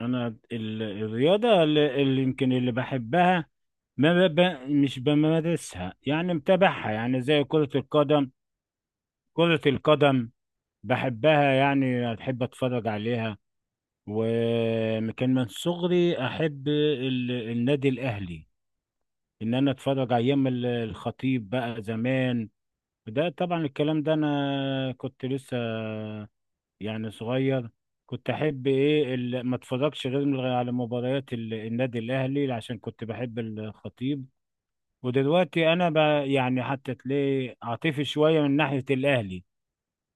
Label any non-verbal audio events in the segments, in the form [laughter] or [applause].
انا ال- الرياضه اللي يمكن اللي بحبها، ما ب... ب- مش بمارسها، يعني متابعها يعني زي كره القدم. كره القدم بحبها، يعني بحب اتفرج عليها. وكان من صغري احب النادي الاهلي، ان انا اتفرج ايام الخطيب بقى زمان. ده طبعا الكلام ده انا كنت لسه يعني صغير. كنت احب ايه ما اتفرجش غير على مباريات النادي الاهلي عشان كنت بحب الخطيب. ودلوقتي انا ب... يعني حتى تلاقي عاطفي شويه من ناحيه الاهلي،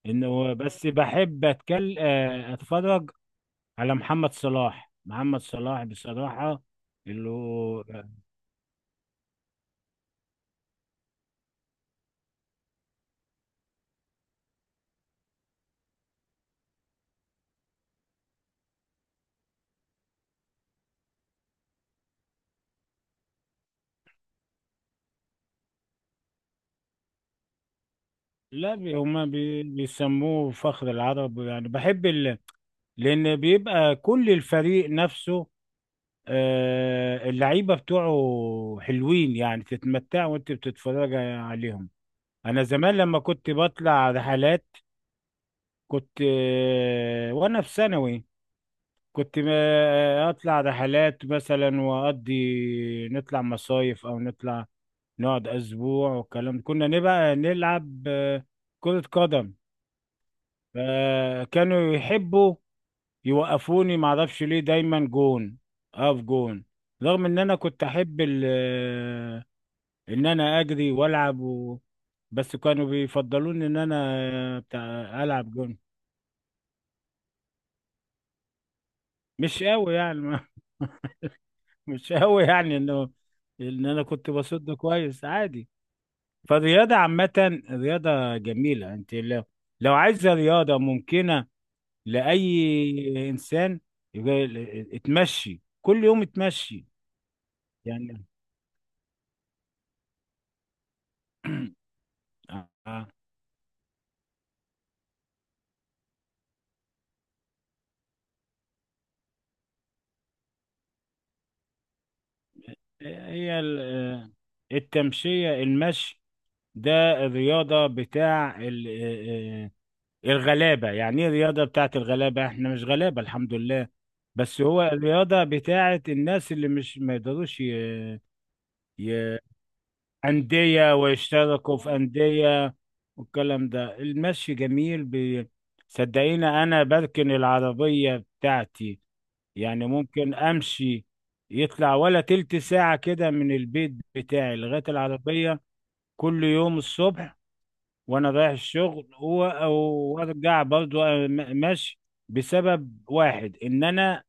انه بس بحب اتكل آه، اتفرج على محمد صلاح. محمد صلاح بصراحه اللي هو، لا هما بيسموه فخر العرب. يعني بحب لان بيبقى كل الفريق نفسه، اللعيبه بتوعه حلوين، يعني تتمتع وانت بتتفرج عليهم. انا زمان لما كنت بطلع رحلات كنت وانا في ثانوي، كنت اطلع رحلات مثلا واقضي، نطلع مصايف او نطلع نقعد اسبوع والكلام ده. كنا نبقى نلعب كرة قدم، فكانوا يحبوا يوقفوني، معرفش ليه دايما جون، اقف جون. رغم ان انا كنت احب ان انا اجري والعب بس كانوا بيفضلوني ان انا بتاع العب جون. مش قوي يعني ما- [laughs] مش قوي يعني انه ان انا كنت بصد كويس عادي. فالرياضه عامه رياضه جميله. انت لو، لو عايزه رياضه ممكنه لاي انسان، يبقى اتمشي كل يوم، اتمشي يعني. آه، آه، هي التمشيه، المشي ده الرياضه بتاع الغلابة. يعني ايه الرياضة بتاعت الغلابة؟ احنا مش غلابة الحمد لله، بس هو الرياضة بتاعت الناس اللي مش ما يقدروش ي... أندية، ويشتركوا في أندية والكلام ده. المشي جميل، صدقيني أنا بركن العربية بتاعتي، يعني ممكن أمشي يطلع ولا تلت ساعة كده من البيت بتاعي لغاية العربية. كل يوم الصبح وانا رايح الشغل وارجع برضو ماشي، بسبب واحد ان انا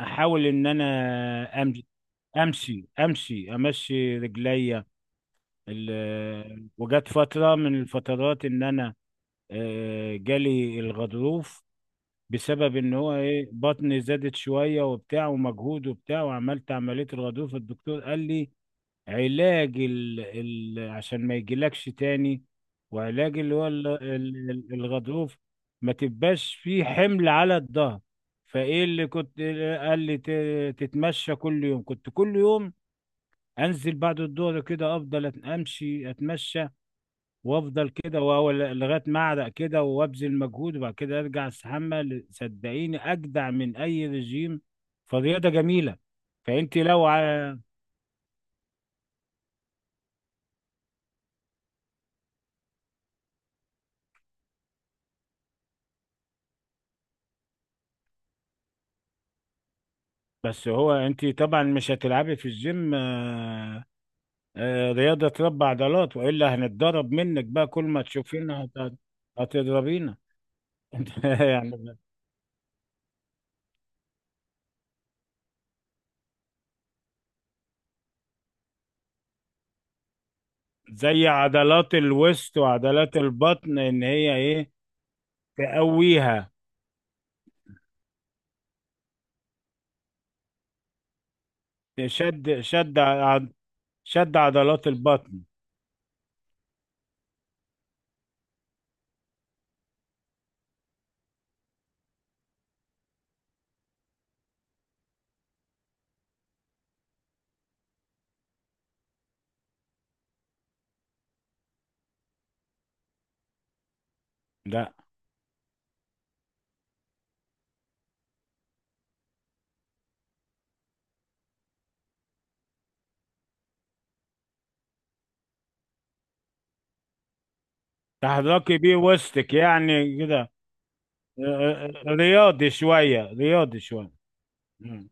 احاول ان انا امشي امشي امشي امشي رجليا. وجت فتره من الفترات ان انا جالي الغضروف، بسبب ان هو ايه، بطني زادت شويه وبتاع ومجهود وبتاع، وعملت عمليه الغضروف. الدكتور قال لي علاج عشان ما يجيلكش تاني، وعلاج اللي هو الغضروف، ما تبقاش فيه حمل على الظهر. فايه اللي كنت قال لي، تتمشى كل يوم. كنت كل يوم انزل بعد الظهر كده، افضل امشي اتمشى، وافضل كده لغايه ما اعرق كده وابذل مجهود، وبعد كده ارجع استحمى. صدقيني اجدع من اي رجيم، فالرياضه جميله. فانت لو بس هو انت طبعا مش هتلعبي في الجيم رياضة تربى عضلات، والا هنتضرب منك بقى، كل ما تشوفينا هتضربينا [laughs] انت. يعني زي عضلات الوسط وعضلات البطن، ان هي ايه، تقويها. شد شد ع- شد عضلات البطن. لا تحركي بيه وسطك يعني كده. رياضي شوية، رياضي شوية. مم.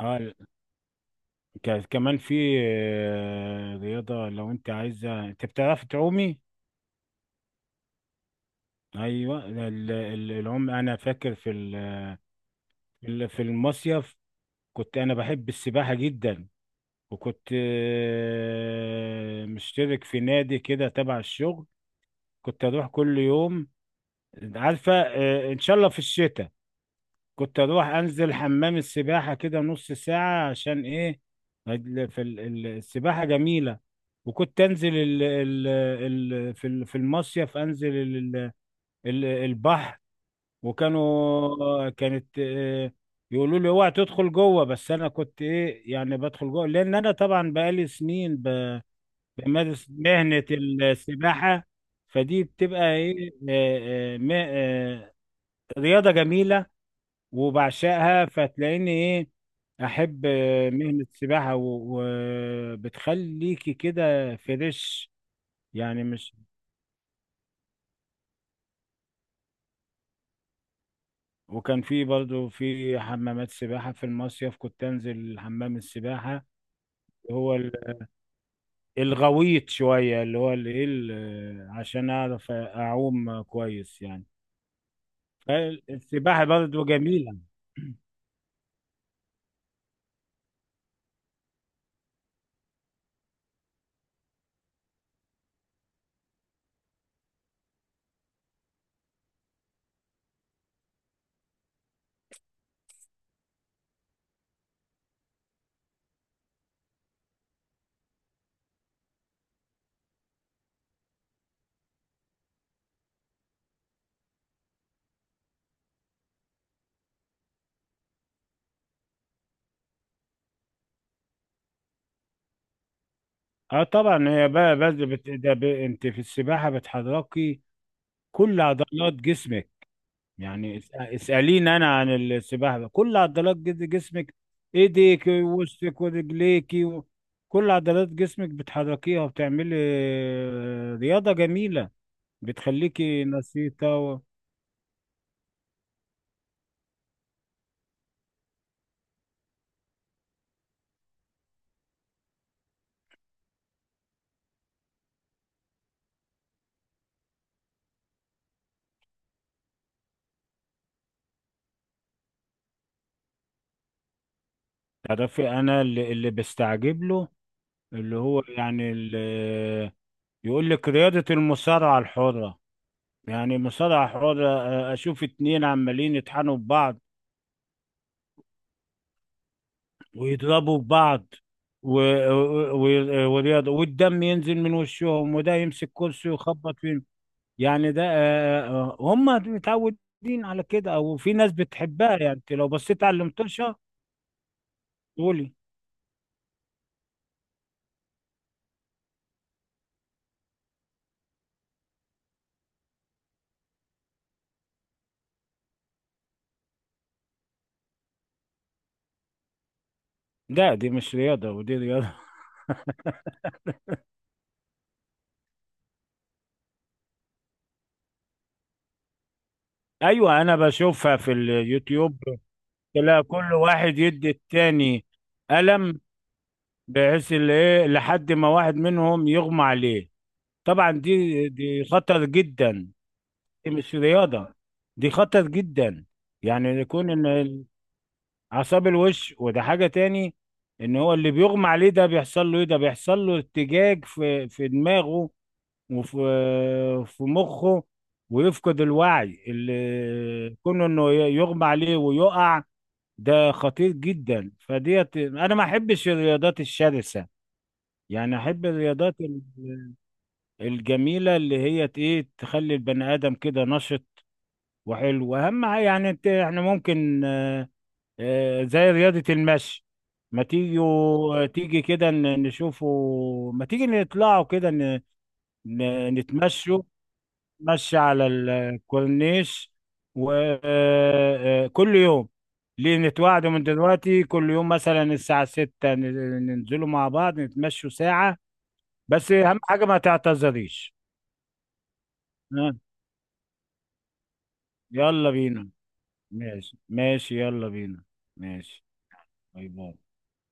اه، كمان في رياضة، لو انت عايزة، انت بتعرف تعومي؟ ايوه العوم. انا فاكر في في المصيف، كنت انا بحب السباحة جدا، وكنت مشترك في نادي كده تبع الشغل. كنت اروح كل يوم، عارفة، ان شاء الله في الشتاء كنت اروح انزل حمام السباحه كده نص ساعه، عشان ايه، السباحه جميله. وكنت انزل في المصيف، انزل ال البحر. كانت يقولوا لي اوعى تدخل جوه، بس انا كنت ايه، يعني بدخل جوه، لان انا طبعا بقالي سنين بمارس مهنه السباحه. فدي بتبقى ايه، رياضه جميله وبعشقها، فتلاقيني ايه احب مهنة السباحة، وبتخليكي كده فريش، يعني مش. وكان في برضو في حمامات سباحة في المصيف كنت انزل حمام السباحة. هو الغويط شوية، اللي هو اللي ايه عشان اعرف اعوم كويس يعني. فالسباحة برضو جميلة. اه طبعا هي بقى، بس بت... ده ب... انت في السباحة بتحركي كل عضلات جسمك. يعني اسأليني أنا عن السباحة بقى. كل عضلات جسمك، إيديك ووسطك ورجليكي كل عضلات جسمك بتحركيها، وبتعملي رياضة جميلة بتخليكي نشيطة تعرفي أنا اللي بستعجب له، اللي هو يعني اللي يقول لك رياضة المصارعة الحرة. يعني مصارعة حرة، أشوف 2 عمالين يطحنوا في بعض ويضربوا في بعض، ورياضة والدم ينزل من وشهم، وده يمسك كرسي ويخبط فيه. يعني ده هم متعودين على كده، او في ناس بتحبها. يعني انت لو بصيت على المطرشة تقولي، لا دي مش رياضة. ودي رياضة [laughs] ايوه انا بشوفها في اليوتيوب، تلاقي كل واحد يدي التاني قلم، بحيث اللي ايه لحد ما واحد منهم يغمى عليه. طبعا دي خطر جدا، دي مش رياضة، دي خطر جدا. يعني يكون ان اعصاب الوش، وده حاجة تاني. ان هو اللي بيغمى عليه ده بيحصل له ايه، ده بيحصل له ارتجاج في دماغه وفي مخه، ويفقد الوعي، اللي كونه انه يغمى عليه ويقع. ده خطير جدا، فديت انا ما احبش الرياضات الشرسة. يعني احب الرياضات الجميلة اللي هي ت- ايه تخلي البني ادم كده نشط وحلو. واهم حاجه يعني انت، احنا ممكن زي رياضه المشي، ما تيجوا، تيجي كده نشوفوا، ما تيجي نطلعوا كده نتمشوا، نتمشى على الكورنيش وكل يوم. ليه نتواعدوا من دلوقتي، كل يوم مثلا الساعة 6 ننزلوا مع بعض نتمشوا ساعة، بس أهم حاجة ما تعتذريش. ها، يلا بينا. ماشي، ماشي، يلا بينا. ماشي، باي باي.